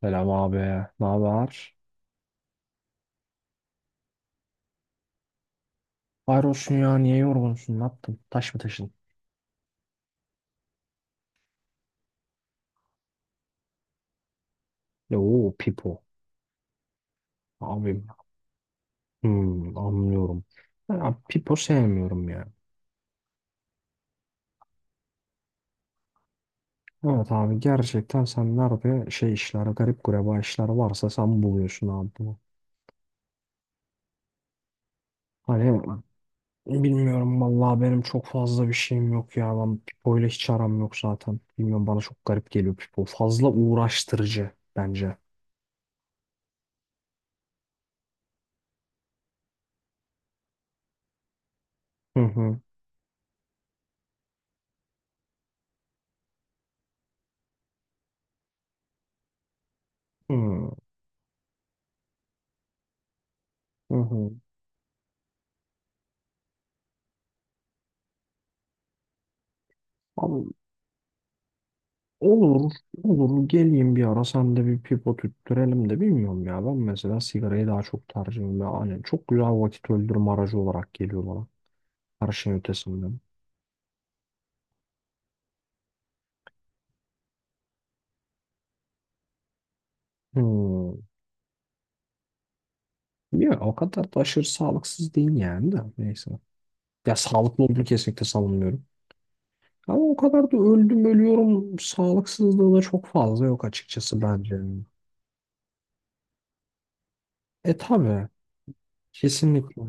Selam abi. Ne haber? Hayrolsun ya. Niye yorgunsun? Ne yaptın? Taş mı taşın? Oo, Pipo. Abim. Hmm, anlıyorum. Ben abi Pipo sevmiyorum ya. Evet abi gerçekten sen nerede şey işler, garip gureba işler varsa sen buluyorsun abi bunu. Hani bilmiyorum vallahi benim çok fazla bir şeyim yok ya. Ben Pipo ile hiç aram yok zaten. Bilmiyorum bana çok garip geliyor Pipo. Fazla uğraştırıcı bence. Hı hı. Hı hı. Hı. Abi olur, olur. Geleyim bir ara sen de bir pipo tüttürelim de bilmiyorum ya. Ben mesela sigarayı daha çok tercih ediyorum. Yani çok güzel vakit öldürme aracı olarak geliyor bana. Her şeyin ötesinden. Hmm. Ya, o kadar da aşırı sağlıksız değil yani de. Neyse. Ya sağlıklı olduğunu kesinlikle savunmuyorum. Ama o kadar da öldüm ölüyorum. Sağlıksızlığı da çok fazla yok açıkçası bence. E tabii. Kesinlikle.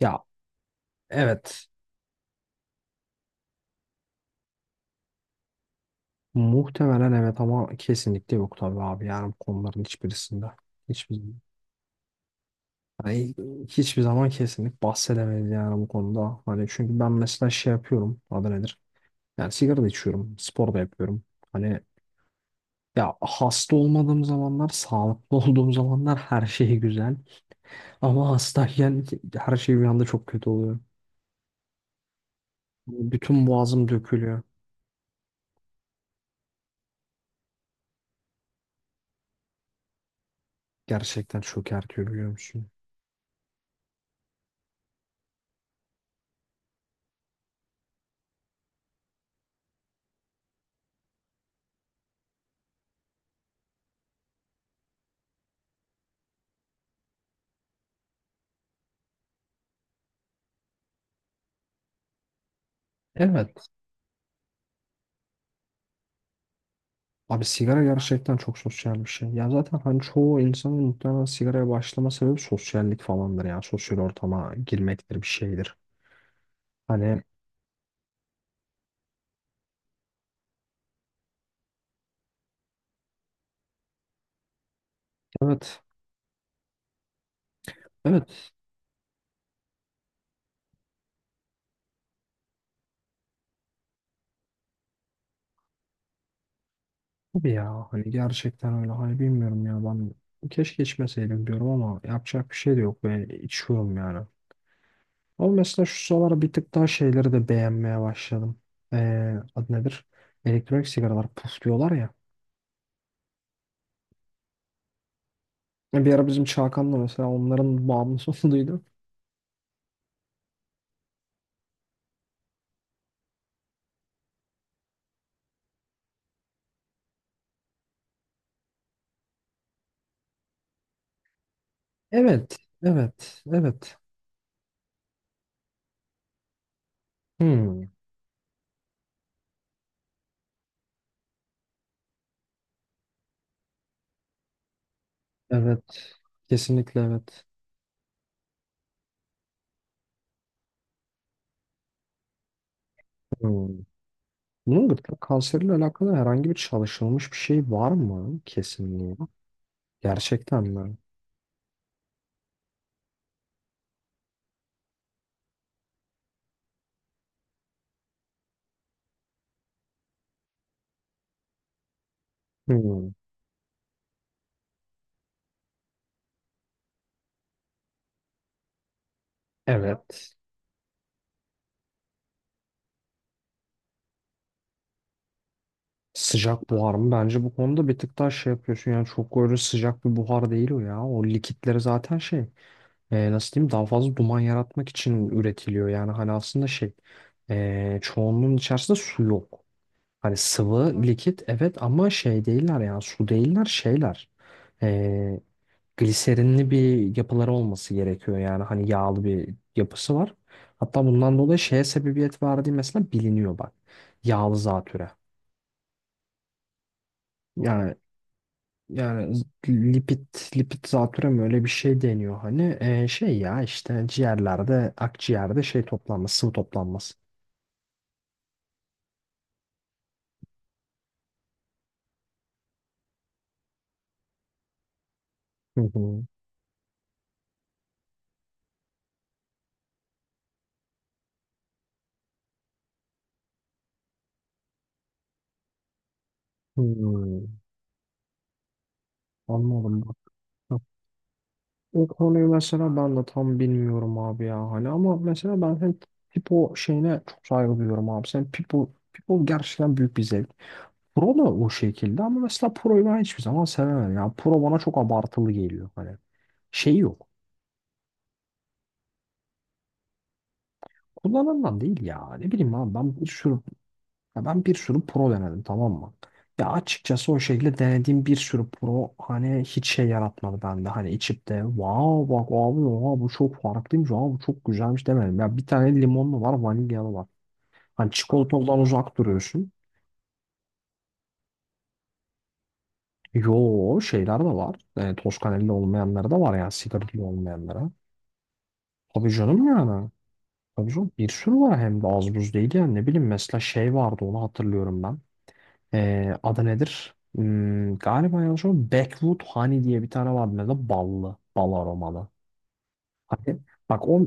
Ya evet. Muhtemelen evet ama kesinlikle yok tabii abi yani bu konuların hiçbirisinde. Hiçbir, Yani hiçbir zaman kesinlik bahsedemeyiz yani bu konuda. Hani çünkü ben mesela şey yapıyorum adı nedir? Yani sigara da içiyorum, spor da yapıyorum. Hani ya hasta olmadığım zamanlar, sağlıklı olduğum zamanlar her şey güzel. Ama hastayken her şey bir anda çok kötü oluyor. Bütün boğazım dökülüyor. Gerçekten çok ertiyor biliyor musun? Evet. Abi sigara gerçekten çok sosyal bir şey. Ya zaten hani çoğu insanın muhtemelen sigaraya başlama sebebi sosyallik falandır ya. Sosyal ortama girmektir bir şeydir. Hani evet. Evet tabii ya. Hani gerçekten öyle. Hani bilmiyorum ya ben keşke içmeseydim diyorum ama yapacak bir şey de yok. Ben içiyorum yani. Ama mesela şu sıralar bir tık daha şeyleri de beğenmeye başladım. Adı nedir? Elektronik sigaralar puf diyorlar ya. Bir ara bizim Çağkan'la mesela onların bağımlısı olduğunu duydum. Evet. Evet, evet. Hmm, evet. Kesinlikle evet. Hmm. Bunun gırtlak kanseriyle alakalı herhangi bir çalışılmış bir şey var mı? Kesinliği. Gerçekten mi? Hmm, evet. Sıcak buhar mı? Bence bu konuda bir tık daha şey yapıyorsun. Yani çok öyle sıcak bir buhar değil o ya. O likitleri zaten şey. Nasıl diyeyim? Daha fazla duman yaratmak için üretiliyor. Yani hani aslında şey. Çoğunluğun içerisinde su yok. Hani sıvı, likit evet ama şey değiller yani su değiller şeyler. Ee, Gliserinli bir yapıları olması gerekiyor yani hani yağlı bir yapısı var. Hatta bundan dolayı şeye sebebiyet verdiği mesela biliniyor bak. Yağlı zatüre. Yani yani lipid lipid zatüre mi öyle bir şey deniyor hani. Şey ya işte ciğerlerde akciğerde şey toplanması, sıvı toplanması. Hı hı. Hmm, anladım bak. O konuyu mesela ben de tam bilmiyorum abi ya hani ama mesela ben hem Pipo şeyine çok saygı duyuyorum abi. Sen Pipo Pipo gerçekten büyük bir zevk. Pro da o şekilde ama mesela Pro'yu ben hiçbir zaman sevemedim. Yani Pro bana çok abartılı geliyor hani. Şey yok. Kullanılan değil ya. Ne bileyim abi ben bir sürü. Ya ben bir sürü pro denedim tamam mı? Ya açıkçası o şekilde denediğim bir sürü pro hani hiç şey yaratmadı bende. Hani içip de wow bak abi oha bu çok farklıymış abi bu çok güzelmiş demedim. Ya bir tane limonlu var vanilyalı var. Hani çikolatalıdan uzak duruyorsun. Yo şeyler de var. Toskanelli olmayanları da var yani sigaretli olmayanlara. Tabii canım yani. Tabii canım bir sürü var hem de az buz değil yani ne bileyim mesela şey vardı onu hatırlıyorum ben. Adı nedir? Hmm, galiba yanlış o Backwood Honey diye bir tane vardı mesela ballı, bal aromalı. Hani bak o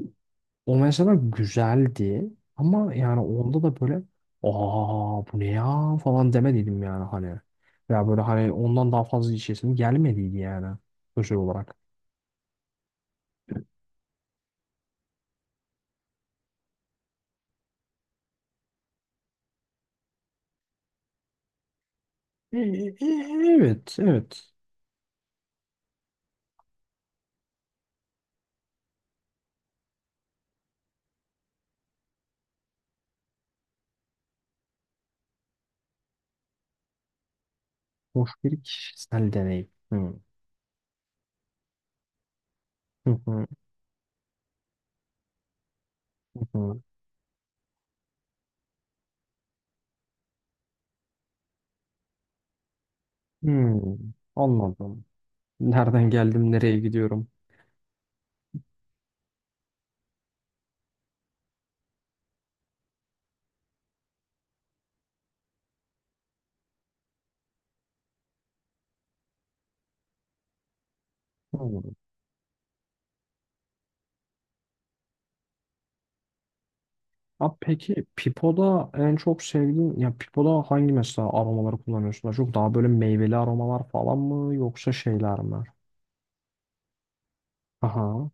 mesela güzeldi ama yani onda da böyle aa bu ne ya falan demediydim yani hani. Ya böyle hani ondan daha fazla içesim gelmediydi yani özel olarak. E- e- e- evet, evet. Hoş bir kişisel deneyim. Hmm. Hı hı, hı hı. Hmm, anladım. Nereden geldim, nereye gidiyorum? Abi peki Pipo'da en çok sevdiğin ya Pipo'da hangi mesela aromaları kullanıyorsun? Daha çok daha böyle meyveli aromalar falan mı yoksa şeyler mi? Aha.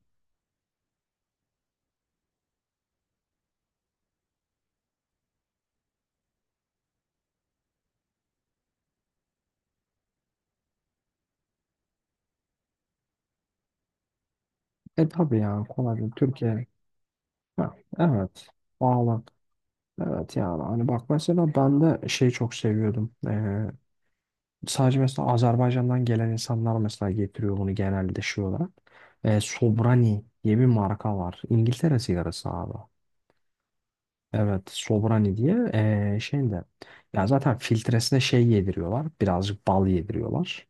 E tabii ya kolay değil. Türkiye. Ha, evet. Valla. Evet yani hani bak mesela ben de şeyi çok seviyordum. Sadece mesela Azerbaycan'dan gelen insanlar mesela getiriyor bunu genelde şey olarak. Sobrani diye bir marka var. İngiltere sigarası abi. Evet, Sobrani diye şeyinde ya zaten filtresine şey yediriyorlar. Birazcık bal yediriyorlar.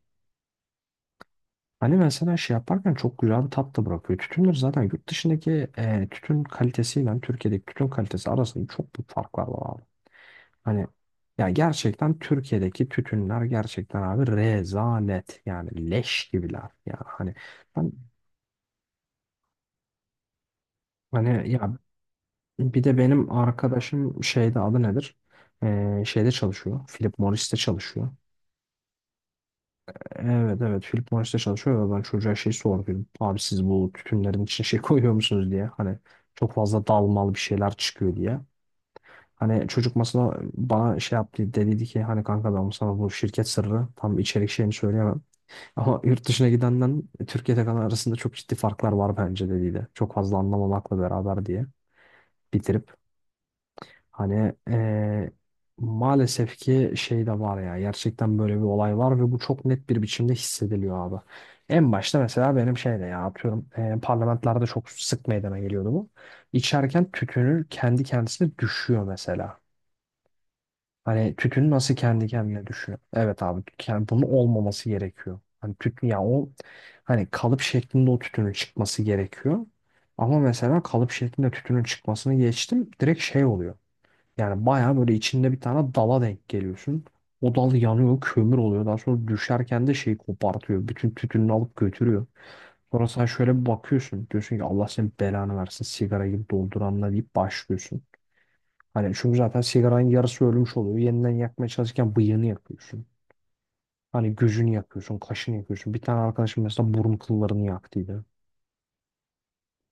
Hani mesela şey yaparken çok güzel bir tat da bırakıyor. Tütünler zaten yurt dışındaki tütün kalitesiyle Türkiye'deki tütün kalitesi arasında çok büyük farklar var abi. Hani ya gerçekten Türkiye'deki tütünler gerçekten abi rezalet yani leş gibiler. Yani hani ben- hani ya bir de benim arkadaşım şeyde adı nedir? Şeyde çalışıyor. Philip Morris'te çalışıyor. Evet evet Philip Morris'te çalışıyor ve ben çocuğa şey sordum. Abi siz bu tütünlerin için şey koyuyor musunuz diye. Hani çok fazla dalmalı bir şeyler çıkıyor diye. Hani çocuk masada bana şey yaptı dediydi ki hani kanka ben sana bu şirket sırrı tam içerik şeyini söyleyemem. Ama yurt dışına gidenden Türkiye'de kalan arasında çok ciddi farklar var bence dediydi. Çok fazla anlamamakla beraber diye bitirip. Hani maalesef ki şey de var ya gerçekten böyle bir olay var ve bu çok net bir biçimde hissediliyor abi. En başta mesela benim şeyde ya atıyorum parlamentlerde çok sık meydana geliyordu bu. İçerken tütünü kendi kendisine düşüyor mesela. Hani tütün nasıl kendi kendine düşüyor? Evet abi yani bunun olmaması gerekiyor. Hani tütün ya o hani kalıp şeklinde o tütünün çıkması gerekiyor. Ama mesela kalıp şeklinde tütünün çıkmasını geçtim direkt şey oluyor. Yani bayağı böyle içinde bir tane dala denk geliyorsun. O dal yanıyor, kömür oluyor. Daha sonra düşerken de şeyi kopartıyor. Bütün tütününü alıp götürüyor. Sonra sen şöyle bir bakıyorsun. Diyorsun ki Allah senin belanı versin sigara gibi dolduranla deyip başlıyorsun. Hani çünkü zaten sigaranın yarısı ölmüş oluyor. Yeniden yakmaya çalışırken bıyığını yakıyorsun. Hani gözünü yakıyorsun, kaşını yakıyorsun. Bir tane arkadaşım mesela burun kıllarını yaktıydı.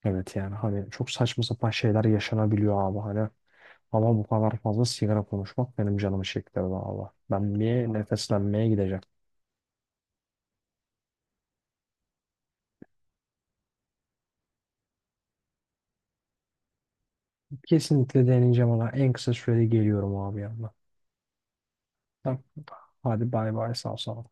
Evet yani hani çok saçma sapan şeyler yaşanabiliyor abi. Hani ama bu kadar fazla sigara konuşmak benim canımı çektirdi valla. Ben bir nefeslenmeye gideceğim. Kesinlikle deneyeceğim ama en kısa sürede geliyorum abi yanına. Tamam. Hadi bay bay sağ ol sana.